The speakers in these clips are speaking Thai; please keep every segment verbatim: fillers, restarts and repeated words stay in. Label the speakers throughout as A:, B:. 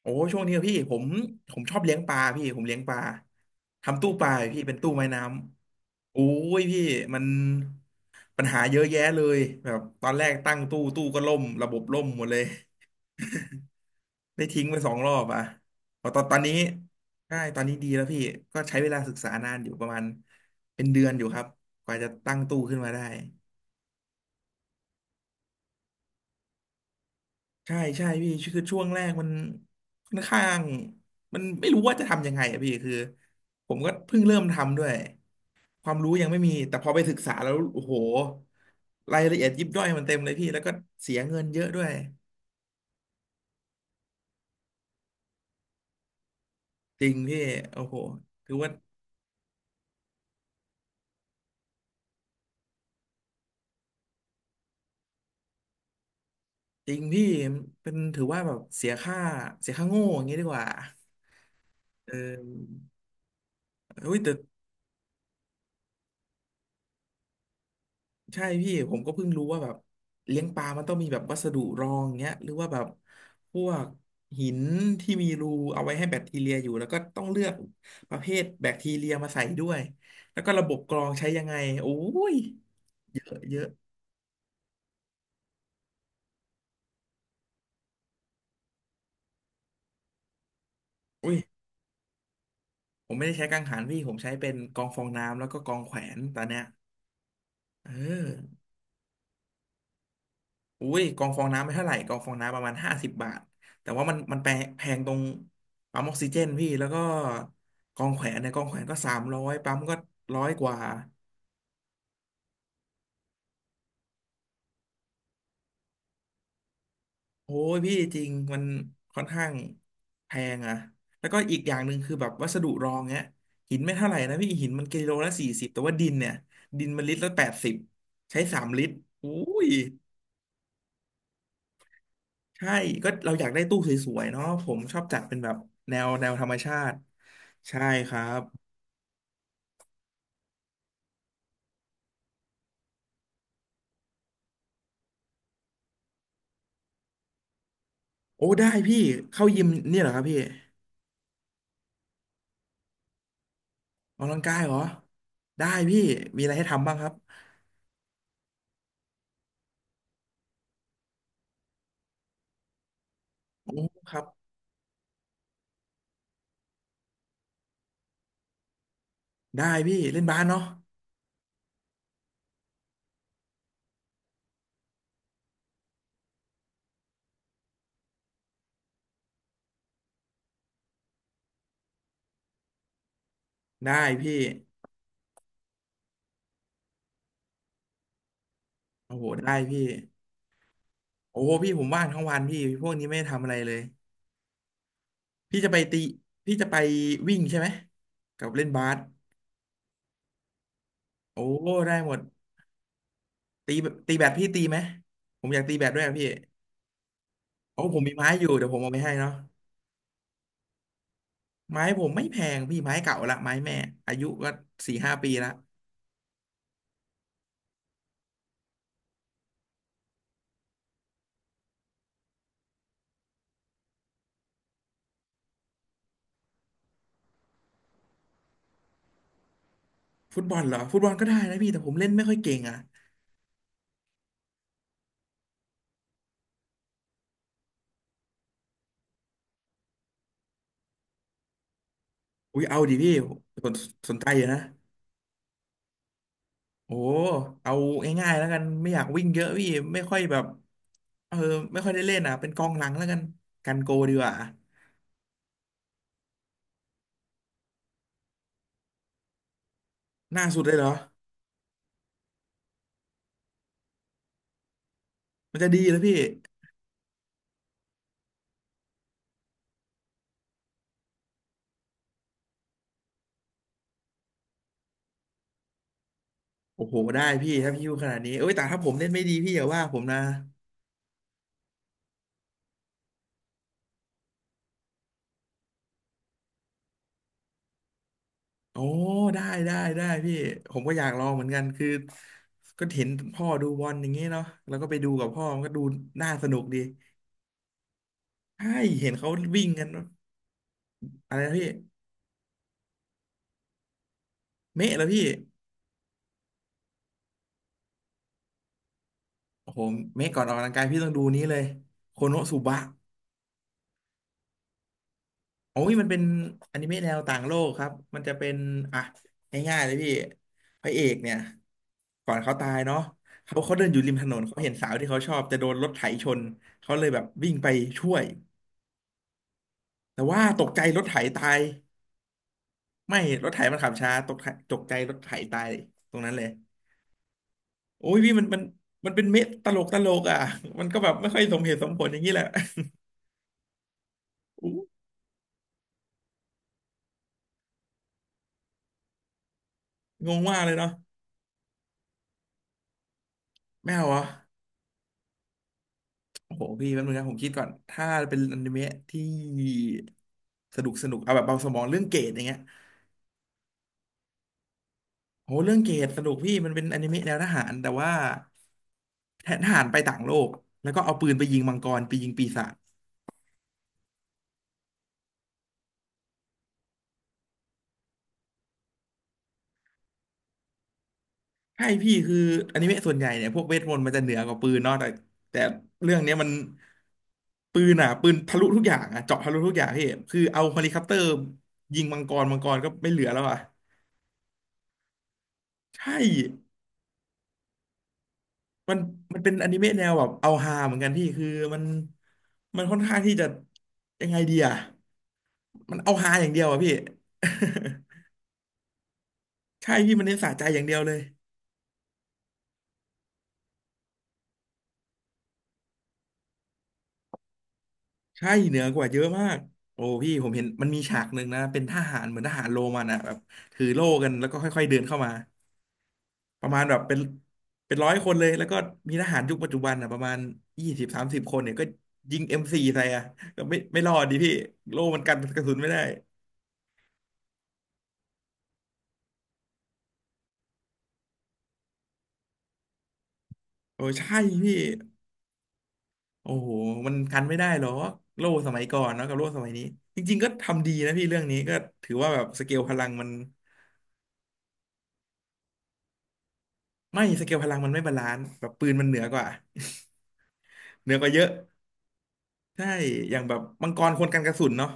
A: โอ้ช่วงนี้อะพี่ผมผมชอบเลี้ยงปลาพี่ผมเลี้ยงปลาทำตู้ปลาอยู่พี่เป็นตู้ไม้น้ำโอ้ยพี่มันปัญหาเยอะแยะเลยแบบตอนแรกตั้งตู้ตู้ก็ล่มระบบล่มหมดเลยได้ทิ้งไปสองรอบอ่ะพอตอนตอนนี้ใช่ตอนนี้ดีแล้วพี่ก็ใช้เวลาศึกษานานอยู่ประมาณเป็นเดือนอยู่ครับกว่าจะตั้งตู้ขึ้นมาได้ใช่ใช่พี่คือช่วงแรกมันค่อนข้างมันไม่รู้ว่าจะทำยังไงอะพี่คือผมก็เพิ่งเริ่มทำด้วย ความรู้ยังไม่มีแต่พอไปศึกษาแล้วโอ้โหรายละเอียดยิบย่อยมันเต็มเลยพี่แล้วก็เสียเงินเยอะด้วยจริงพี่โอ้โหถือว่าจริงพี่เป็นถือว่าแบบเสียค่าเสียค่าโง่อย่างนี้ดีกว่าเอออุ้ยแต่ ใช่พี่ผมก็เพิ่งรู้ว่าแบบเลี้ยงปลามันต้องมีแบบวัสดุรองเงี้ยหรือว่าแบบพวกหินที่มีรูเอาไว้ให้แบคทีเรียอยู่แล้วก็ต้องเลือกประเภทแบคทีเรียมาใส่ด้วยแล้วก็ระบบกรองใช้ยังไงโอ้ยเยอะเยอะอุ้ยผมไม่ได้ใช้กังหันพี่ผมใช้เป็นกรองฟองน้ำแล้วก็กรองแขวนตอนเนี้ยเออ อุ้ยกองฟองน้ำไม่เท่าไหร่กองฟองน้ำประมาณห้าสิบบาทแต่ว่ามันมันแพงแพงตรงปั๊มออกซิเจนพี่แล้วก็กองแขวนเนี่ยกองแขวนก็สามร้อยปั๊มก็ร้อยกว่าโอ้ยพี่จริงมันค่อนข้างแพงอะแล้วก็อีกอย่างหนึ่งคือแบบวัสดุรองเนี้ยหินไม่เท่าไหร่นะพี่หินมันกิโลละสี่สิบแต่ว่าดินเนี่ยดินมันลิตรละแปดสิบใช้สามลิตรอุ้ยใช่ก็เราอยากได้ตู้สวยๆเนาะผมชอบจัดเป็นแบบแนวแนวธรรมชาติใช่ครับ โอ้ได้พี่เข้ายิมเนี่ยเหรอครับพี่ออกกำลังกายเหรอได้พี่มีอะไรให้ทำบ้างครับโอ้ครับได้พี่เล่นบาสเนาะได้พี่โอ้โหได้พี่โอ้โหพี่ผมว่างทั้งวันพี่พวกนี้ไม่ได้ทำอะไรเลยพี่จะไปตีพี่จะไปวิ่งใช่ไหมกับเล่นบาสโอ้ได้หมดตีตีแบดพี่ตีไหมผมอยากตีแบดด้วยอะพี่โอ้ผมมีไม้อยู่เดี๋ยวผมเอาไปให้เนาะไม้ผมไม่แพงพี่ไม้เก่าละไม้แม่อายุก็สี่ห้าปีละ ฟุตบอลเหรอฟุตบอลก็ได้นะพี่แต่ผมเล่นไม่ค่อยเก่งอ่ะอุ้ยเอาดิพี่สนสนใจอยู่นะโอ้เอาง่ายๆแล้วกันไม่อยากวิ่งเยอะพี่ไม่ค่อยแบบเออไม่ค่อยได้เล่นอ่ะเป็นกองหลังแล้วกันกันโกดีกว่าหน้าสุดเลยเหรอมันจะดีแล้วพี่โอ้โหได้พี่ถ้าพี่พูดขนาดนี้เอ้ยแต่ถ้าผมเล่นไม่ดีพี่อย่าว่าผมนะโอ้ได้ได้ได้พี่ผมก็อยากลองเหมือนกันคือก็เห็นพ่อดูบอลอย่างเงี้ยเนาะแล้วก็ไปดูกับพ่อมันก็ดูน่าสนุกดีใช่เห็นเขาวิ่งกันอะไรนะพี่ เมะแล้วพี่โอ้โหเมะก่อนออกกำลังกายพี่ต้องดูนี้เลยโคโนสุบะโอ้ยมันเป็นอนิเมะแนวต่างโลกครับมันจะเป็นอ่ะง่ายๆเลยพี่พระเอกเนี่ยก่อนเขาตายเนาะเขาเขาเดินอยู่ริมถนนเขาเห็นสาวที่เขาชอบจะโดนรถไถชนเขาเลยแบบวิ่งไปช่วยแต่ว่าตกใจรถไถตายไม่รถไถมันขับช้าตกไถตกใจรถไถตายตรงนั้นเลยโอ้ยพี่มันมันมันเป็นเมะตลกตลกอ่ะมันก็แบบไม่ค่อยสมเหตุสมผลอย่างนี้แหละอู้งงมากเลยเนาะ ไม่เอาเหรอโอ้โหพี่แป๊บนึงนะผมคิดก่อนถ้าเป็นอนิเมะที่สนุกสนุกเอาแบบเบาสมองเรื่องเกรดอย่างเงี้ยโหเรื่องเกรดสนุกพี่มันเป็นอนิเมะแนวทหารแต่ว่าแทนทหารไปต่างโลกแล้วก็เอาปืนไปยิงมังกรไปยิงปีศาจใช่พี่คืออนิเมะส่วนใหญ่เนี่ยพวกเวทมนต์มันจะเหนือกว่าปืนเนาะแต่แต่เรื่องเนี้ยมันปืนอ่ะปืนทะลุทุกอย่างอ่ะเจาะทะลุทุกอย่างพี่คือเอาเฮลิคอปเตอร์ยิงมังกรมังกรก็ไม่เหลือแล้วอ่ะใช่ มันมันเป็นอนิเมะแนวแบบเอาฮาเหมือนกันพี่คือมันมันค่อนข้างที่จะยังไงดีอ่ะมันเอาฮาอย่างเดียวอ่ะพี่ ใช่พี่มันเน้นสะใจอย่างเดียวเลยใช่เหนือกว่าเยอะมากโอ้พี่ผมเห็นมันมีฉากหนึ่งนะเป็นทหารเหมือนทหารโรมันอ่ะแบบถือโล่กันแล้วก็ค่อยๆเดินเข้ามาประมาณแบบเป็นเป็นร้อยคนเลยแล้วก็มีทหารยุคปัจจุบันอ่ะประมาณยี่สิบสามสิบคนเนี่ยก็ยิงเอ็มสี่ใส่อ่ะก็ไม่ไม่รอดดิพี่โล่มันกันกระสุนไม่ได้โอ้ใช่พี่ โอ้โหมันกันไม่ได้หรอกโล่สมัยก่อนเนาะกับโล่สมัยนี้จริงๆ ก็ทำดีนะพี่เรื่องนี้ก็ถือว่าแบบสเกลพลังมันไม่สเกลพลังมันไม่บาลานซ์แบบปืนมันเหนือกว่าเหนือกว่าเยอะใช่อย่างแบบมังกรคนกันกระสุนเนาะ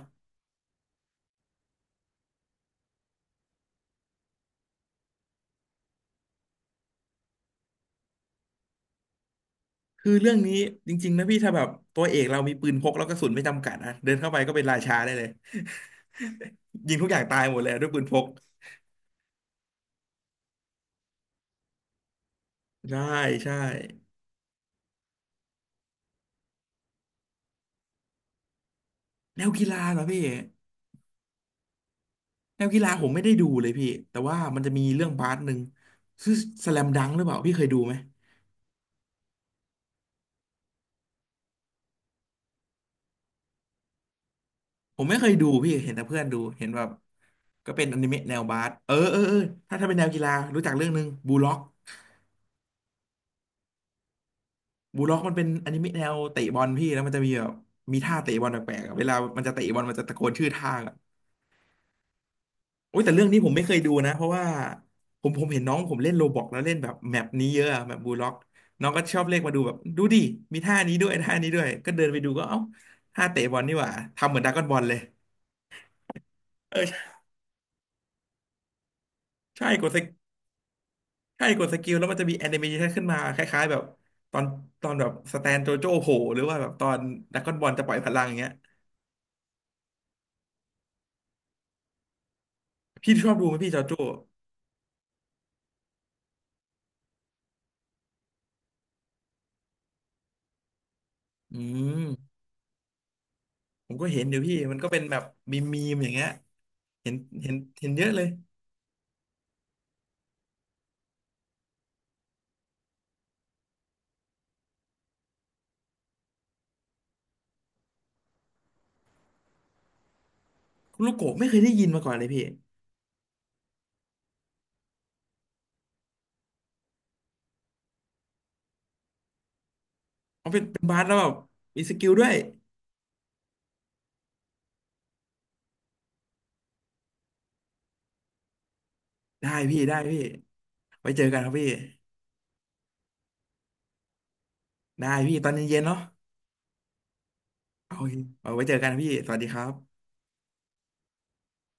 A: คือเรื่องนี้จริงๆนะพี่ถ้าแบบตัวเอกเรามีปืนพกแล้วกระสุนไม่จำกัดอะเดินเข้าไปก็เป็นราชาได้เลย ยิงทุกอย่างตายหมดเลยด้วยปืนพกใช่ใช่แนวกีฬาเหรอพี่ แนวกีฬาผมไม่ได้ดูเลยพี่แต่ว่ามันจะมีเรื่องบาสหนึ่งชื่อสแลมดังหรือเปล่าพี่เคยดูไหมผมไม่เคยดูพี่เห็นแต่เพื่อนดูเห็นแบบก็เป็นอนิเมะแนวบาสเออเออเออถ้าถ้าเป็นแนวกีฬารู้จักเรื่องหนึ่งบูล็อกบูล็อกมันเป็นอนิเมะแนวเตะบอลพี่แล้วมันจะมีแบบมีท่าเตะบอลแปลกๆอะเวลามันจะเตะบอลมันจะตะโกนชื่อท่า โอ้ยแต่เรื่องนี้ผมไม่เคยดูนะเพราะว่าผมผมเห็นน้องผมเล่นโรบอกแล้วเล่นแบบแมปนี้เยอะอะแบบบูล็อกน้องก็ชอบเรียกมาดูแบบดูดิมีท่านี้ด้วยท่านี้ด้วยก็เดินไปดูก็เอ้าท่าเตะบอลนี่หว่าทำเหมือนดราก้อนบอลเลยเออใช่กดสกิลใช่กดสกิลแล้วมันจะมีแอนิเมชันขึ้นมาคล้ายๆแบบตอนตอนแบบสแตนโจโจ้โผล่หรือว่าแบบตอนดราก้อนบอลจะปล่อยพลังอย่างเงี้ยพี่ชอบดูไหมพี่จอโจ้อืมผมก็เห็นอยู่พี่มันก็เป็นแบบมีมีมอย่างเงี้ยเห็นเห็นเห็นเยอะเลยลูกโกะไม่เคยได้ยินมาก่อนเลยพี่ เขาเป็นเป็นบาสแล้วแบบมีสกิลด้วยได้พี่ได้พี่ไว้เจอกันครับพี่ได้พี่ตอนเย็นๆเนาะโอเคเอาไว้เจอกันพี่สวัสดีครับ